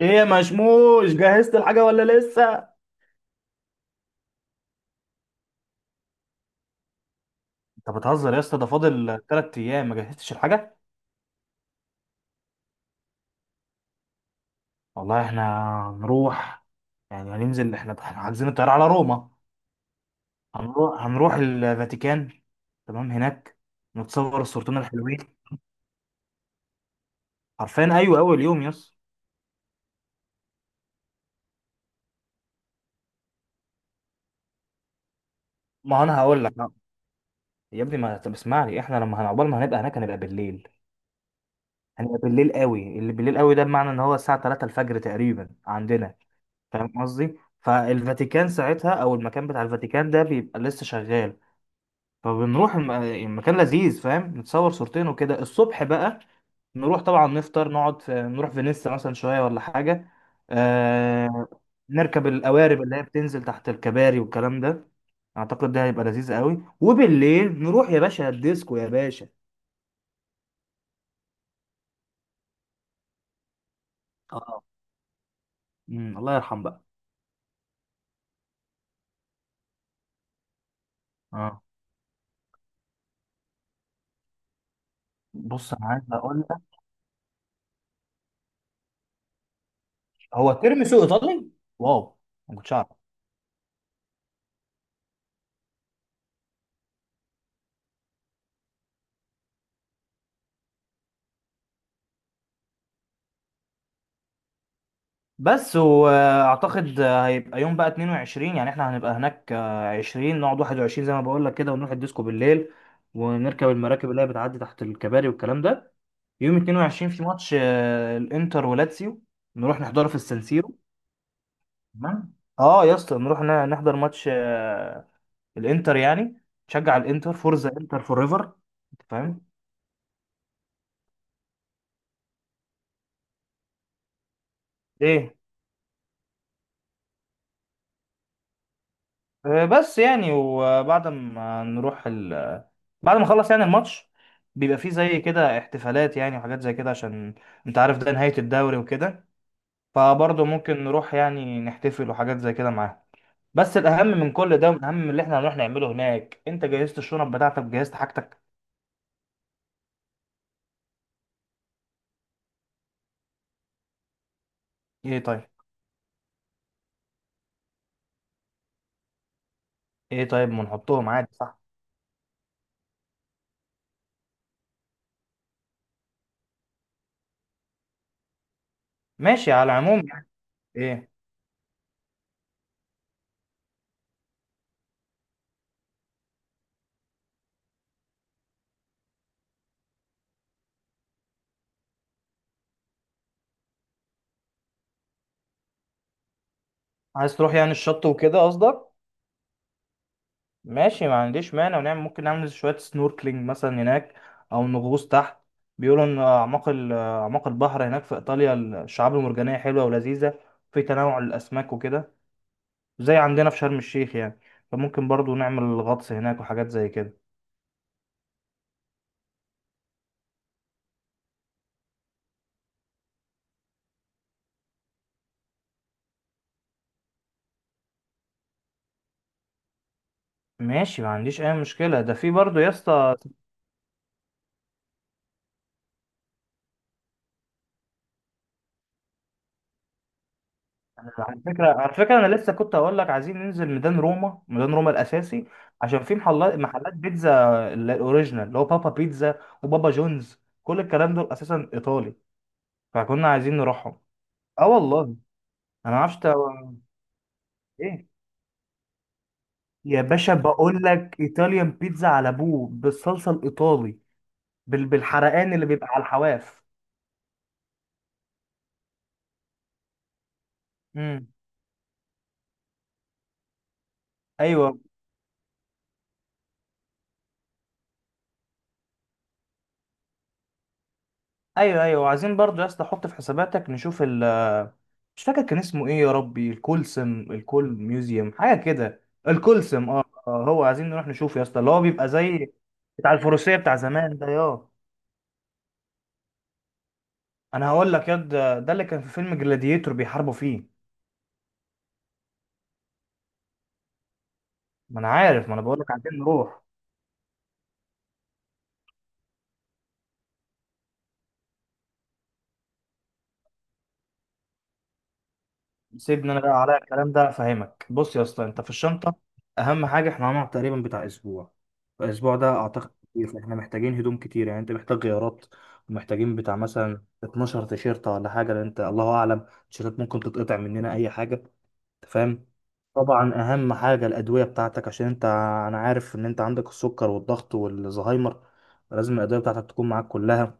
ايه يا مشموش، جهزت الحاجة ولا لسه؟ انت بتهزر يا اسطى، ده فاضل تلات ايام ما جهزتش الحاجه. والله احنا هنروح، يعني هننزل، احنا حاجزين الطياره على روما. هنروح الفاتيكان، تمام. هناك نتصور الصورتين الحلوين. عارفين، ايوه اول يوم يس. ما انا هقول لك آه. يا ابني، ما طب اسمعني، احنا لما هنعقبال ما هنبقى هناك هنبقى بالليل. احنا بالليل قوي، اللي بالليل قوي ده بمعنى ان هو الساعه 3 الفجر تقريبا عندنا. فاهم قصدي؟ فالفاتيكان ساعتها، او المكان بتاع الفاتيكان ده، بيبقى لسه شغال. فبنروح المكان لذيذ، فاهم، نتصور صورتين وكده. الصبح بقى نروح طبعا نفطر، نقعد في، نروح فينيسا مثلا شويه ولا حاجه. آه... نركب القوارب اللي هي بتنزل تحت الكباري والكلام ده. اعتقد ده هيبقى لذيذ قوي، وبالليل نروح يا باشا الديسكو يا باشا. اه. الله يرحم بقى. اه، بص انا عايز اقول لك، هو تيرميسو ايطالي؟ واو، ما كنتش اعرف. بس واعتقد هيبقى يوم بقى 22، يعني احنا هنبقى هناك 20، نقعد 21 زي ما بقول لك كده ونروح الديسكو بالليل، ونركب المراكب اللي هي بتعدي تحت الكباري والكلام ده. يوم 22 في ماتش الانتر ولاتسيو، نروح نحضره في السانسيرو. تمام. اه يا اسطى، نروح نحضر ماتش الانتر يعني، نشجع الانتر، فورزا انتر فور ايفر. انت فاهم. ايه بس يعني، وبعد ما نروح ال... بعد ما نخلص يعني الماتش، بيبقى فيه زي كده احتفالات يعني، وحاجات زي كده، عشان انت عارف ده نهاية الدوري وكده. فبرضه ممكن نروح يعني نحتفل وحاجات زي كده معاهم. بس الأهم من كل ده، ومن أهم من اللي احنا هنروح نعمله هناك، انت جهزت الشنط بتاعتك؟ جهزت حاجتك؟ ايه، طيب. ايه طيب، ما نحطهم عادي، صح؟ ماشي، على العموم يعني. ايه؟ عايز تروح يعني الشط وكده قصدك؟ ماشي ما عنديش مانع، ونعمل ممكن نعمل شوية سنوركلينج مثلا هناك، أو نغوص تحت. بيقولوا إن أعماق البحر هناك في إيطاليا الشعاب المرجانية حلوة ولذيذة، في تنوع الأسماك وكده، زي عندنا في شرم الشيخ يعني. فممكن برضو نعمل غطس هناك وحاجات زي كده. ماشي ما عنديش أي مشكلة، ده في برضو يا اسطى. على على فكرة أنا لسه كنت هقول لك عايزين ننزل ميدان روما، ميدان روما الأساسي، عشان في محلات بيتزا، الأوريجينال اللي هو بابا بيتزا وبابا جونز، كل الكلام دول أساسا إيطالي، فكنا عايزين نروحهم. أه والله. أنا معرفش إيه. يا باشا بقول لك إيطاليان بيتزا على أبوه بالصلصة الإيطالي، بالحرقان اللي بيبقى على الحواف. امم. أيوه، أيوه وعايزين برضو يا اسطى حط في حساباتك، نشوف، مش فاكر كان اسمه ايه يا ربي، الكولسم، الكول ميوزيوم، حاجه كده، الكولسم، اه هو عايزين نروح نشوفه يا اسطى، اللي هو بيبقى زي بتاع الفروسيه بتاع زمان ده، يا انا هقول لك يا ده, ده اللي كان في فيلم جلاديتور بيحاربوا فيه. ما انا عارف، ما انا بقول لك عايزين نروح. سيبني انا بقى على الكلام ده افهمك، بص يا اسطى، انت في الشنطه اهم حاجه، احنا هنقعد تقريبا بتاع اسبوع، الاسبوع ده اعتقد كتير، فاحنا محتاجين هدوم كتير، يعني انت محتاج غيارات، ومحتاجين بتاع مثلا 12 تيشيرت ولا حاجه، لان انت الله اعلم التيشيرتات ممكن تتقطع مننا اي حاجه. انت فاهم. طبعا اهم حاجه الادويه بتاعتك، عشان انت، انا عارف ان انت عندك السكر والضغط والزهايمر، لازم الادويه بتاعتك تكون معاك كلها.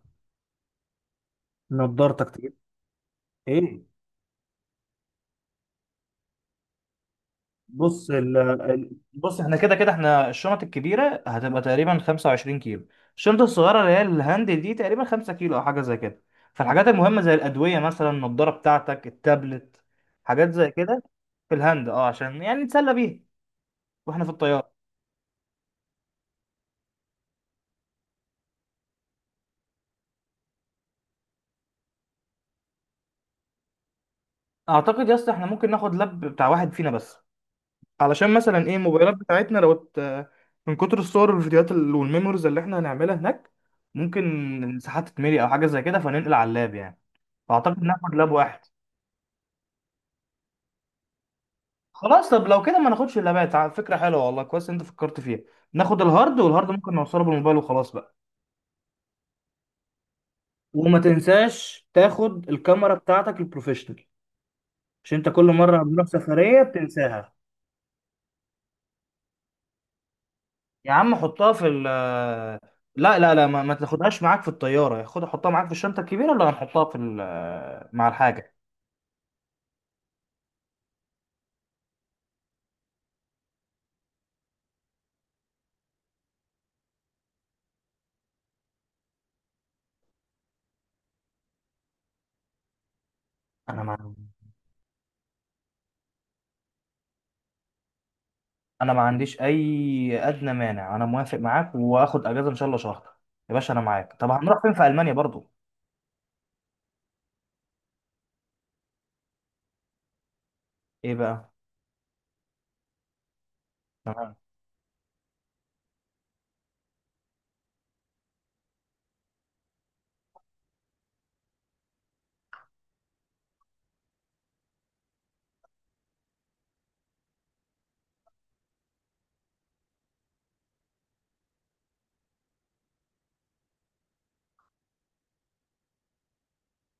نضارتك تجيب. ايه، بص احنا كده احنا الشنط الكبيره هتبقى تقريبا 25 كيلو، الشنطه الصغيره اللي هي الهاند دي تقريبا 5 كيلو او حاجه زي كده. فالحاجات المهمه زي الادويه مثلا، النضاره بتاعتك، التابلت، حاجات زي كده في الهاند، اه، عشان يعني نتسلى بيها واحنا في الطياره. اعتقد يا اسطى احنا ممكن ناخد لاب بتاع واحد فينا بس، علشان مثلا ايه، الموبايلات بتاعتنا لو من كتر الصور والفيديوهات والميموريز اللي احنا هنعملها هناك، ممكن الساحات تتملي او حاجه زي كده، فننقل على اللاب يعني. فاعتقد ناخد لاب واحد. خلاص، طب لو كده ما ناخدش اللابات، فكرة حلوة والله، كويس انت فكرت فيها. ناخد الهارد، والهارد ممكن نوصله بالموبايل وخلاص بقى. وما تنساش تاخد الكاميرا بتاعتك البروفيشنال، عشان انت كل مرة بنروح سفرية بتنساها. يا عم حطها في ال لا لا لا، ما تاخدهاش معاك في الطيارة، خد حطها معاك في الشنطة الكبيرة، ولا هنحطها في مع الحاجة. انا ما انا ما عنديش اي ادنى مانع، انا موافق معاك، واخد اجازة ان شاء الله شهر. يا باشا انا معاك، طب هنروح فين في المانيا برضو؟ ايه بقى؟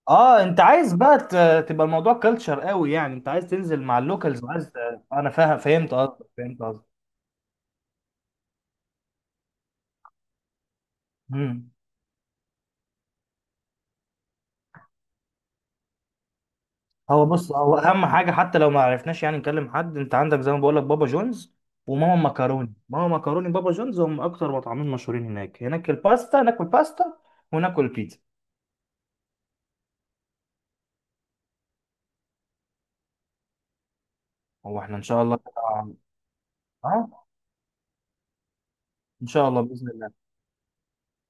اه، انت عايز بقى تبقى الموضوع كلتشر قوي يعني، انت عايز تنزل مع اللوكالز وعايز انا فاهم، فهمت قصدك، فهمت قصدك. مم. هو بص، هو اهم حاجه حتى لو ما عرفناش يعني نكلم حد، انت عندك زي ما بقول لك بابا جونز وماما مكروني، ماما مكروني بابا جونز هم اكتر مطعمين مشهورين هناك، هناك الباستا، ناكل باستا وناكل بيتزا. هو احنا ان شاء الله كده اه، ان شاء الله باذن الله.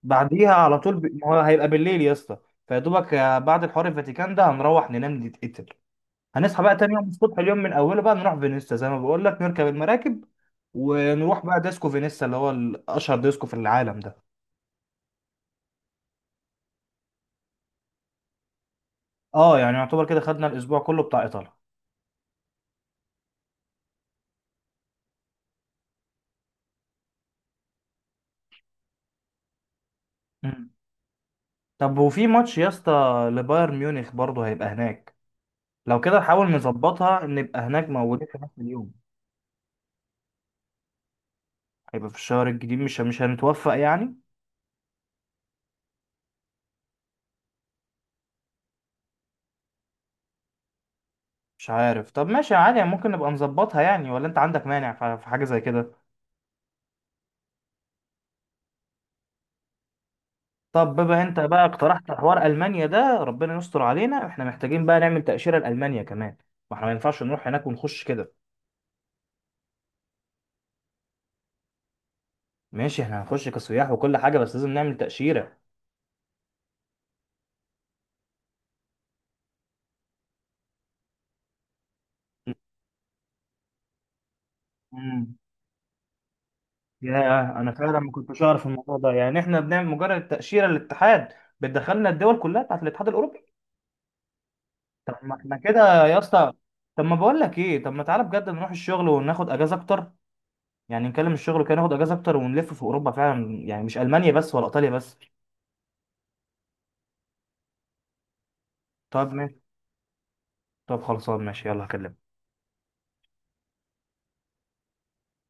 بعديها على طول ما هو هيبقى بالليل يا اسطى، فيا دوبك بعد الحوار الفاتيكان ده هنروح ننام نتقتل. هنصحى بقى تاني يوم الصبح، اليوم من اوله بقى نروح فينيسا زي ما بقول لك، نركب المراكب، ونروح بقى ديسكو فينيسا اللي هو اشهر ديسكو في العالم ده. اه يعني، يعتبر كده خدنا الاسبوع كله بتاع ايطاليا. مم. طب وفي ماتش يا اسطى لبايرن ميونخ برضه هيبقى هناك، لو كده نحاول نظبطها ان نبقى هناك موجودين في نفس اليوم. هيبقى في الشهر الجديد، مش هنتوفق يعني؟ مش عارف، طب ماشي عادي يعني، ممكن نبقى نظبطها يعني، ولا انت عندك مانع في حاجة زي كده؟ طب بما انت بقى اقترحت حوار المانيا ده، ربنا يستر علينا، احنا محتاجين بقى نعمل تاشيره لالمانيا كمان، ما احنا ما ينفعش نروح هناك ونخش كده. ماشي، احنا هنخش كسياح وكل حاجه، بس لازم نعمل تاشيره. امم، يا انا فعلا ما كنتش اعرف الموضوع ده، يعني احنا بنعمل مجرد تاشيره للاتحاد بتدخلنا الدول كلها بتاعت الاتحاد الاوروبي. طب ما احنا كده يا اسطى، طب ما بقول لك ايه، طب ما تعالى بجد نروح الشغل وناخد اجازه اكتر، يعني نكلم الشغل كده ناخد اجازه اكتر، ونلف في اوروبا فعلا يعني، مش المانيا بس ولا ايطاليا بس. طب ماشي. طب خلصان، ماشي، يلا هكلمك.